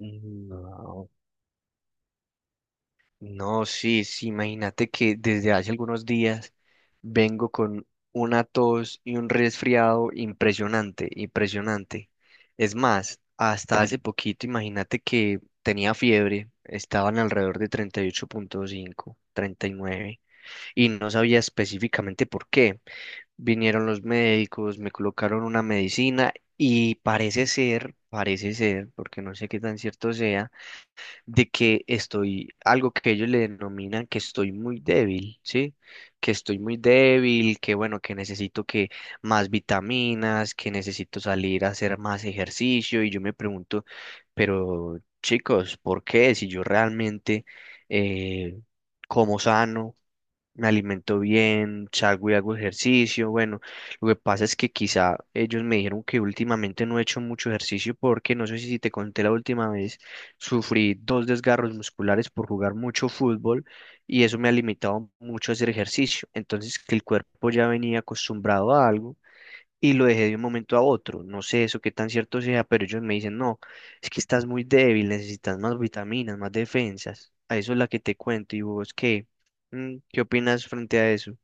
No, no, sí, sí, imagínate que desde hace algunos días vengo con una tos y un resfriado impresionante, impresionante. Es más, hasta hace poquito, imagínate que tenía fiebre, estaban alrededor de treinta y ocho punto cinco 39 y no sabía específicamente por qué. Vinieron los médicos, me colocaron una medicina y parece ser, porque no sé qué tan cierto sea de que estoy, algo que ellos le denominan que estoy muy débil, ¿sí? Que estoy muy débil, que bueno, que necesito que más vitaminas, que necesito salir a hacer más ejercicio y yo me pregunto, pero chicos, ¿por qué? Si yo realmente eh, como sano, me alimento bien, salgo y hago ejercicio. Bueno, lo que pasa es que quizá ellos me dijeron que últimamente no he hecho mucho ejercicio porque no sé si te conté la última vez, sufrí dos desgarros musculares por jugar mucho fútbol y eso me ha limitado mucho a hacer ejercicio. Entonces, que el cuerpo ya venía acostumbrado a algo y lo dejé de un momento a otro. No sé eso qué tan cierto sea, pero ellos me dicen, no, es que estás muy débil, necesitas más vitaminas, más defensas. A eso es la que te cuento. ¿Y vos qué? ¿Qué opinas frente a eso?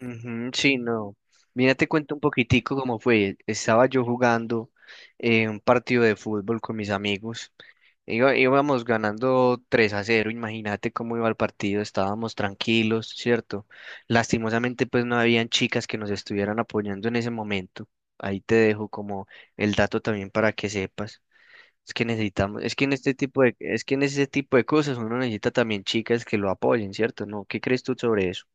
Ujú, sí, no. Mira, te cuento un poquitico cómo fue. Estaba yo jugando un partido de fútbol con mis amigos. Íbamos ganando 3-0, imagínate cómo iba el partido, estábamos tranquilos, ¿cierto? Lastimosamente, pues no habían chicas que nos estuvieran apoyando en ese momento. Ahí te dejo como el dato también para que sepas. Es que en este tipo de cosas uno necesita también chicas que lo apoyen, ¿cierto? ¿No? ¿Qué crees tú sobre eso?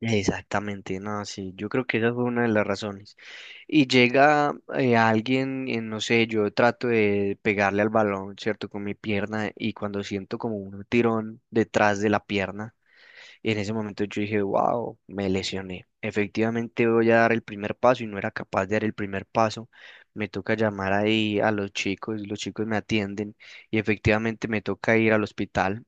Exactamente, no, sí, yo creo que esa fue una de las razones. Y llega alguien, no sé, yo trato de pegarle al balón, ¿cierto? Con mi pierna, y cuando siento como un tirón detrás de la pierna, en ese momento yo dije, wow, me lesioné. Efectivamente voy a dar el primer paso y no era capaz de dar el primer paso. Me toca llamar ahí a los chicos me atienden y efectivamente me toca ir al hospital.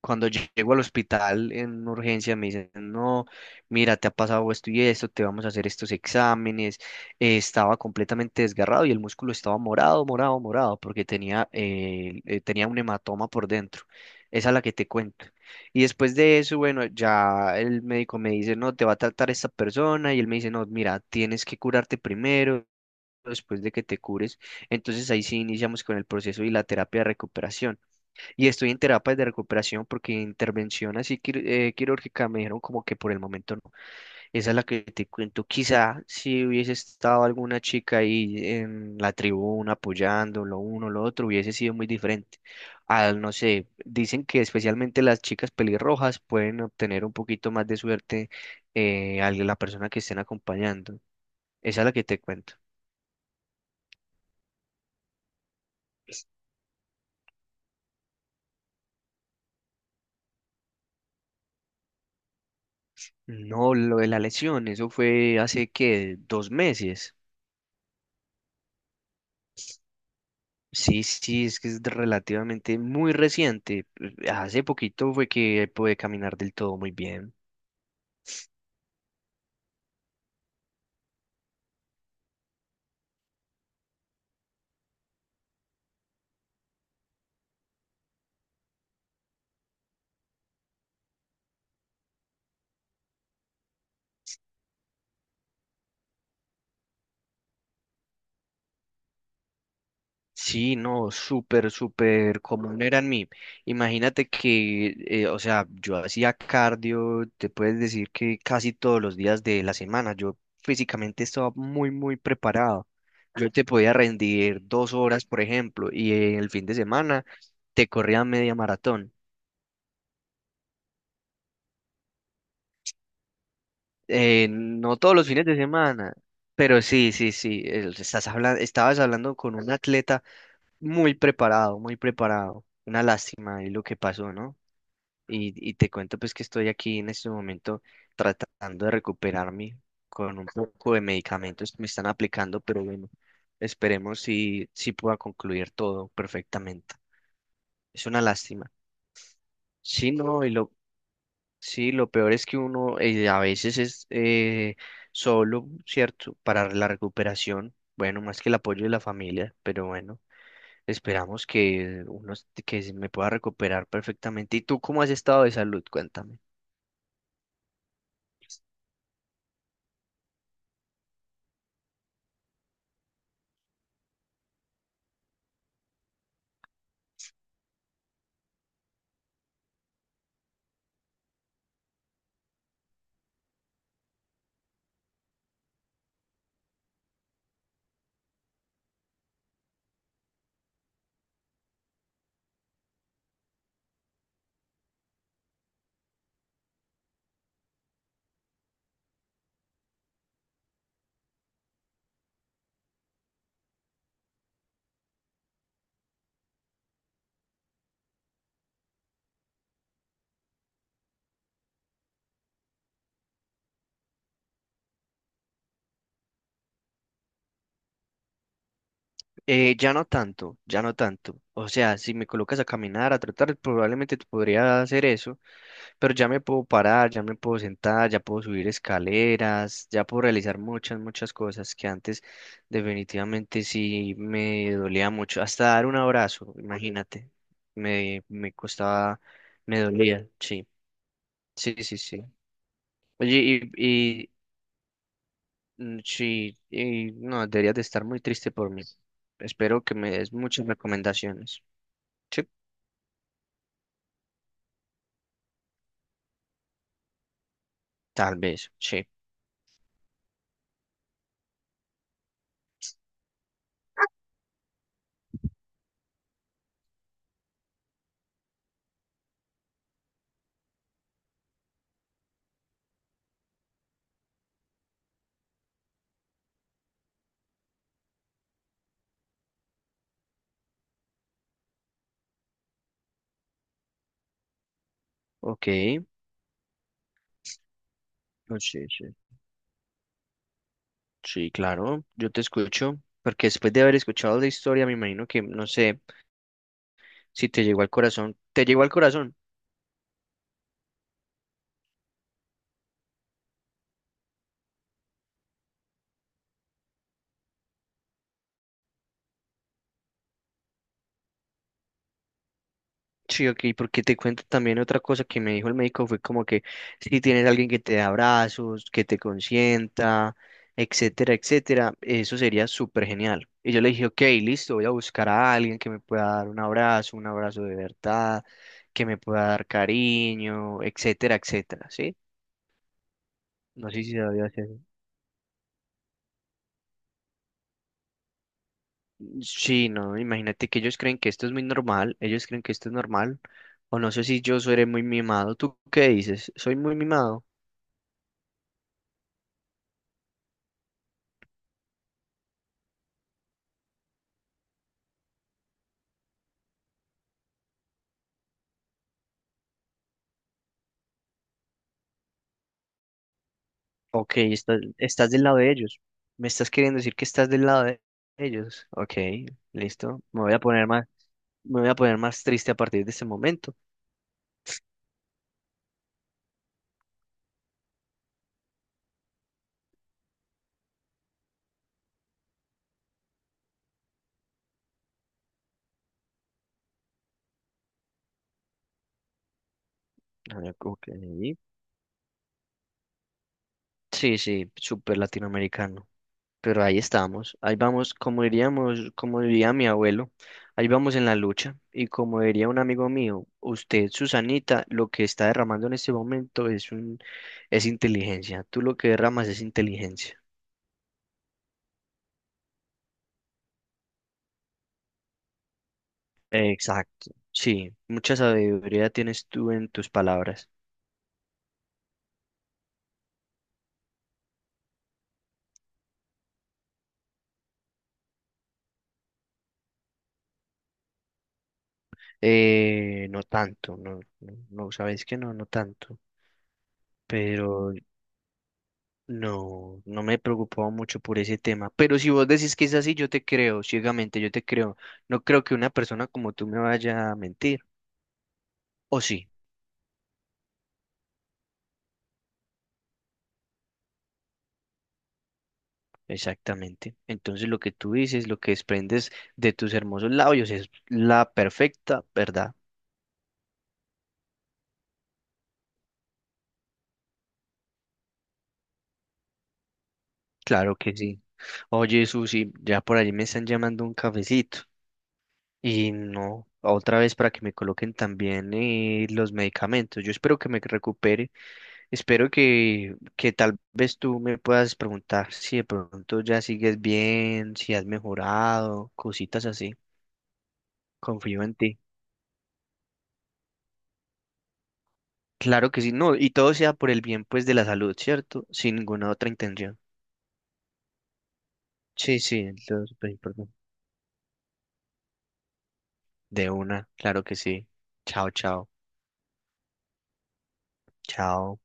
Cuando llego al hospital en urgencia me dicen, no, mira, te ha pasado esto y esto, te vamos a hacer estos exámenes. Estaba completamente desgarrado y el músculo estaba morado, morado, morado, porque tenía un hematoma por dentro. Esa es la que te cuento. Y después de eso, bueno, ya el médico me dice, no, te va a tratar esta persona, y él me dice, no, mira, tienes que curarte primero, después de que te cures. Entonces ahí sí iniciamos con el proceso y la terapia de recuperación. Y estoy en terapias de recuperación porque intervención así quirúrgica me dijeron como que por el momento no. Esa es la que te cuento. Quizá si hubiese estado alguna chica ahí en la tribuna apoyando lo uno, lo otro, hubiese sido muy diferente. No sé, dicen que especialmente las chicas pelirrojas pueden obtener un poquito más de suerte a la persona que estén acompañando. Esa es la que te cuento. No, lo de la lesión, eso fue hace que 2 meses. Sí, sí, sí, es que es relativamente muy reciente. Hace poquito fue que pude caminar del todo muy bien. Sí, no, súper, súper común era en mí. Imagínate que, o sea, yo hacía cardio, te puedes decir que casi todos los días de la semana. Yo físicamente estaba muy, muy preparado. Yo te podía rendir 2 horas, por ejemplo, y el fin de semana te corría media maratón. No todos los fines de semana, pero sí, sí, sí. Estabas hablando con un atleta muy preparado, muy preparado. Una lástima y lo que pasó, ¿no? Y te cuento pues que estoy aquí en este momento tratando de recuperarme con un poco de medicamentos que me están aplicando, pero bueno, esperemos si pueda concluir todo perfectamente. Es una lástima. Sí, no, sí, lo peor es que uno a veces es solo, ¿cierto? Para la recuperación, bueno, más que el apoyo de la familia, pero bueno, esperamos que se me pueda recuperar perfectamente. ¿Y tú cómo has estado de salud? Cuéntame. Ya no tanto, ya no tanto. O sea, si me colocas a caminar, a trotar, probablemente te podría hacer eso, pero ya me puedo parar, ya me puedo sentar, ya puedo subir escaleras, ya puedo realizar muchas, muchas cosas que antes definitivamente sí me dolía mucho. Hasta dar un abrazo, imagínate, me costaba, me dolía, sí, sí, sí, sí. Oye, y sí, y no, deberías de estar muy triste por mí. Espero que me des muchas recomendaciones. Sí, tal vez, sí. Ok, oh, sí, sí. Sí, claro, yo te escucho, porque después de haber escuchado la historia, me imagino que, no sé, si te llegó al corazón, te llegó al corazón. Sí, ok, porque te cuento también otra cosa que me dijo el médico, fue como que si tienes alguien que te dé abrazos, que te consienta, etcétera, etcétera, eso sería súper genial. Y yo le dije, ok, listo, voy a buscar a alguien que me pueda dar un abrazo de verdad, que me pueda dar cariño, etcétera, etcétera, ¿sí? No sé si se debe hacer. Sí, no, imagínate que ellos creen que esto es muy normal, ellos creen que esto es normal, o no sé si yo soy muy mimado. ¿Tú qué dices? ¿Soy muy mimado? Ok, estás del lado de ellos. ¿Me estás queriendo decir que estás del lado de ellos? Ok, listo. Me voy a poner más triste a partir de este momento. Ah, ok. Sí, sí, súper latinoamericano. Pero ahí estamos, ahí vamos, como diríamos, como diría mi abuelo, ahí vamos en la lucha. Y como diría un amigo mío, usted, Susanita, lo que está derramando en este momento es un, es inteligencia. Tú lo que derramas es inteligencia. Exacto. Sí, mucha sabiduría tienes tú en tus palabras. No tanto, no, no, no, sabes que no, no tanto. Pero no, me preocupaba mucho por ese tema, pero si vos decís que es así, yo te creo, ciegamente, yo te creo. No creo que una persona como tú me vaya a mentir, o sí, exactamente. Entonces lo que tú dices, lo que desprendes de tus hermosos labios es la perfecta verdad. Claro que sí. Oye, Susi, ya por allí me están llamando un cafecito. Y no, otra vez para que me coloquen también los medicamentos. Yo espero que me recupere. Espero que tal vez tú me puedas preguntar si de pronto ya sigues bien, si has mejorado, cositas así. Confío en ti. Claro que sí, no, y todo sea por el bien pues de la salud, ¿cierto? Sin ninguna otra intención. Sí, sí, entonces, pues, perdón. De una, claro que sí. Chao, chao. Chao.